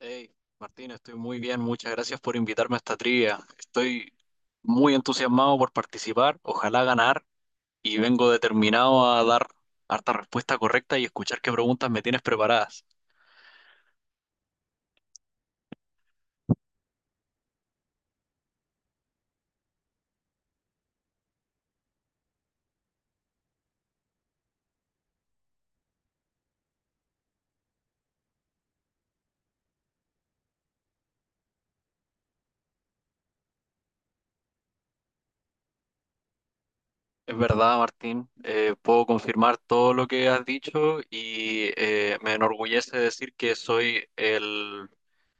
Hey, Martín, estoy muy bien. Muchas gracias por invitarme a esta trivia. Estoy muy entusiasmado por participar, ojalá ganar, y vengo determinado a dar harta respuesta correcta y escuchar qué preguntas me tienes preparadas. Es verdad, Martín, puedo confirmar todo lo que has dicho y me enorgullece decir que soy el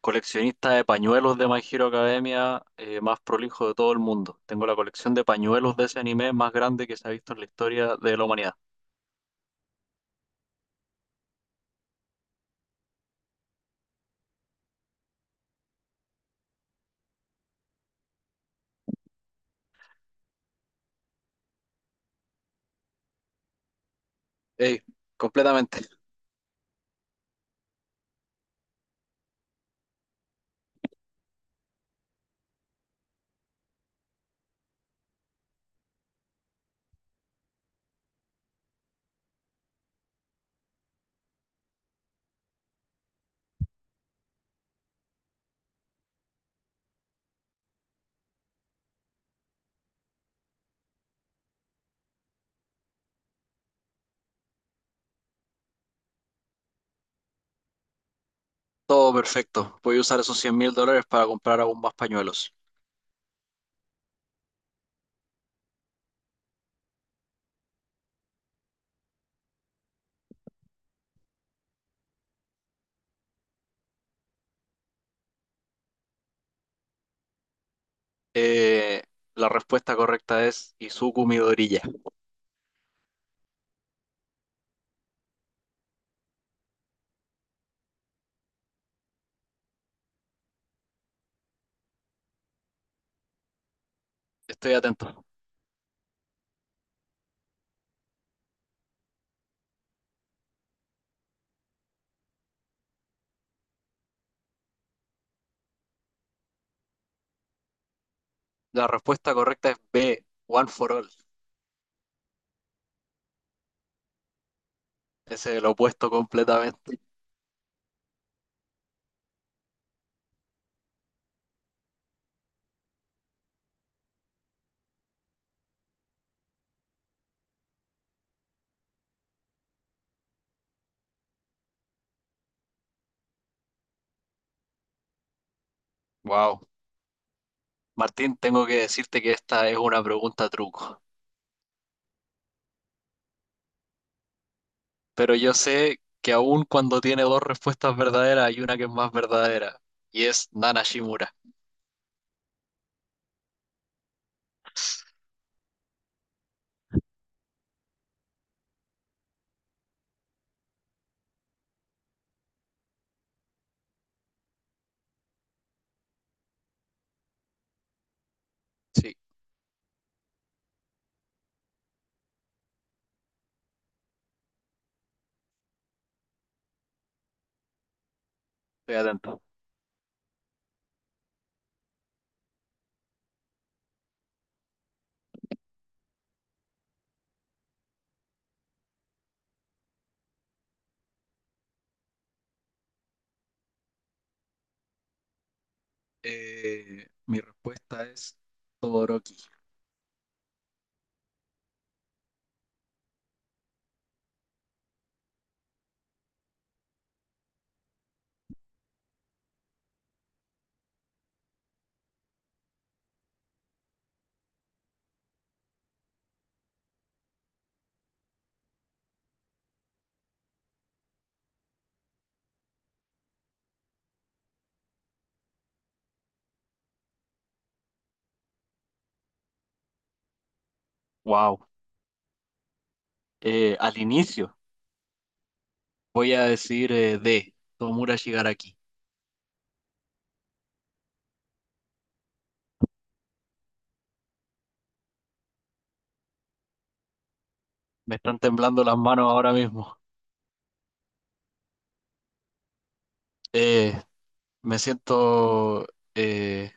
coleccionista de pañuelos de My Hero Academia más prolijo de todo el mundo. Tengo la colección de pañuelos de ese anime más grande que se ha visto en la historia de la humanidad. Ey, completamente, todo perfecto. Voy a usar esos 100.000 dólares para comprar aún más pañuelos. Eh, la respuesta correcta es Izuku Midoriya. Estoy atento. La respuesta correcta es B, One for All. Ese es el opuesto completamente. Wow. Martín, tengo que decirte que esta es una pregunta truco. Pero yo sé que aún cuando tiene dos respuestas verdaderas, hay una que es más verdadera. Y es Nana Shimura. Sí, estoy atento. Mi respuesta es Todoroki. Wow. Al inicio voy a decir D, Tomura Shigaraki. Me están temblando las manos ahora mismo. Eh, me siento, eh,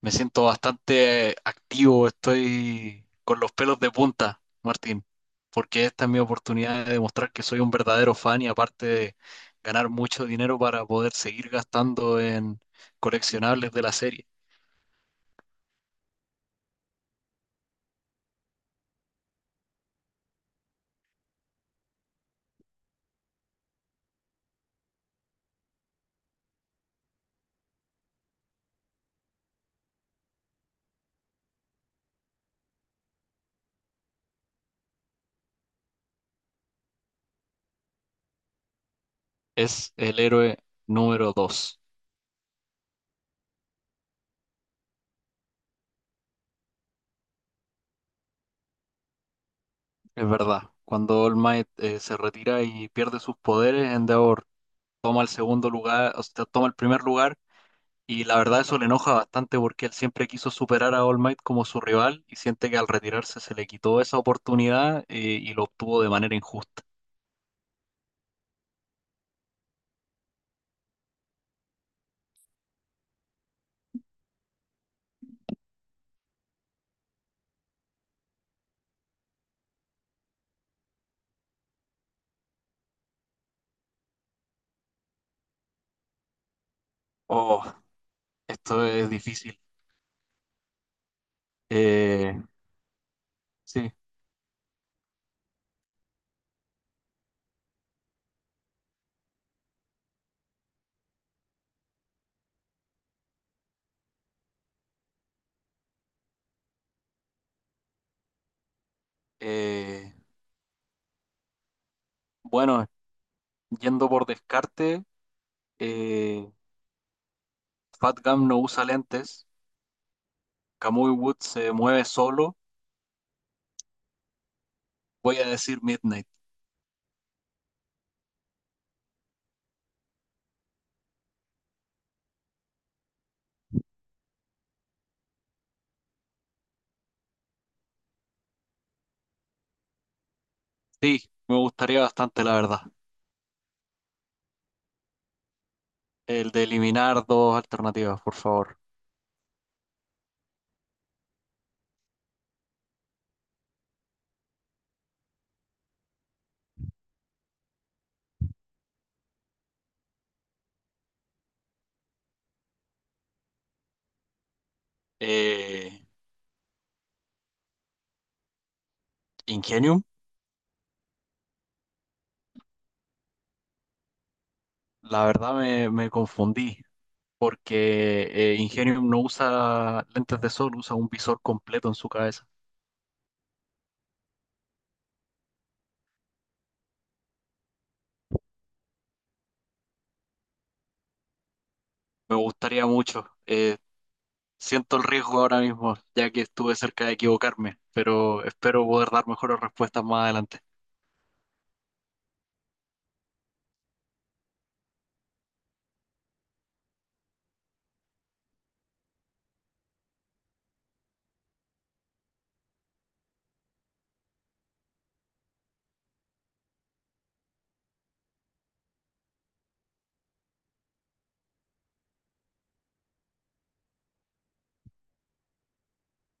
me siento bastante activo. Estoy con los pelos de punta, Martín, porque esta es mi oportunidad de demostrar que soy un verdadero fan y aparte de ganar mucho dinero para poder seguir gastando en coleccionables de la serie. Es el héroe número 2. Es verdad, cuando All Might se retira y pierde sus poderes, Endeavor toma el segundo lugar, o sea, toma el primer lugar, y la verdad eso le enoja bastante porque él siempre quiso superar a All Might como su rival y siente que al retirarse se le quitó esa oportunidad y lo obtuvo de manera injusta. Oh, esto es difícil. Eh, sí. eh, bueno, yendo por descarte, eh, Fat Gum no usa lentes, Kamui Wood se mueve solo, voy a decir Midnight. Sí, me gustaría bastante, la verdad. El de eliminar dos alternativas, por favor. Eh, Ingenium, la verdad me confundí, porque Ingenium no usa lentes de sol, usa un visor completo en su cabeza. Me gustaría mucho. Siento el riesgo ahora mismo, ya que estuve cerca de equivocarme, pero espero poder dar mejores respuestas más adelante.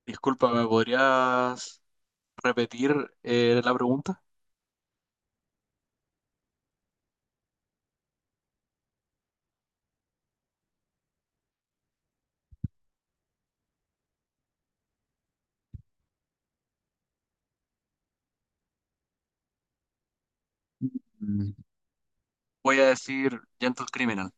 Disculpa, ¿me podrías repetir la pregunta? Mm. Voy a decir Gentle Criminal.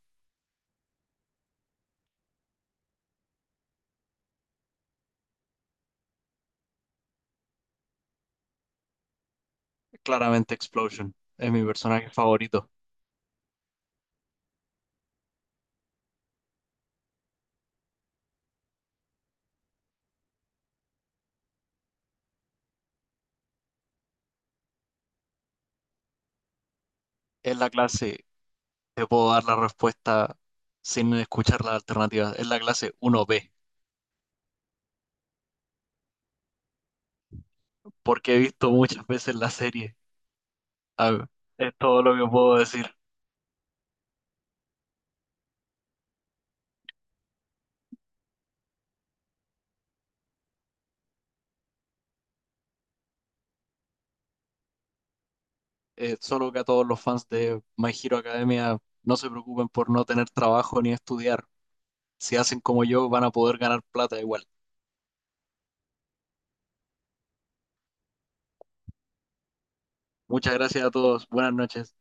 Claramente Explosion es mi personaje favorito. En la clase te puedo dar la respuesta sin escuchar las alternativas. Es la clase 1B, porque he visto muchas veces la serie. A ver, es todo lo que puedo decir. Solo que a todos los fans de My Hero Academia no se preocupen por no tener trabajo ni estudiar. Si hacen como yo, van a poder ganar plata igual. Muchas gracias a todos. Buenas noches.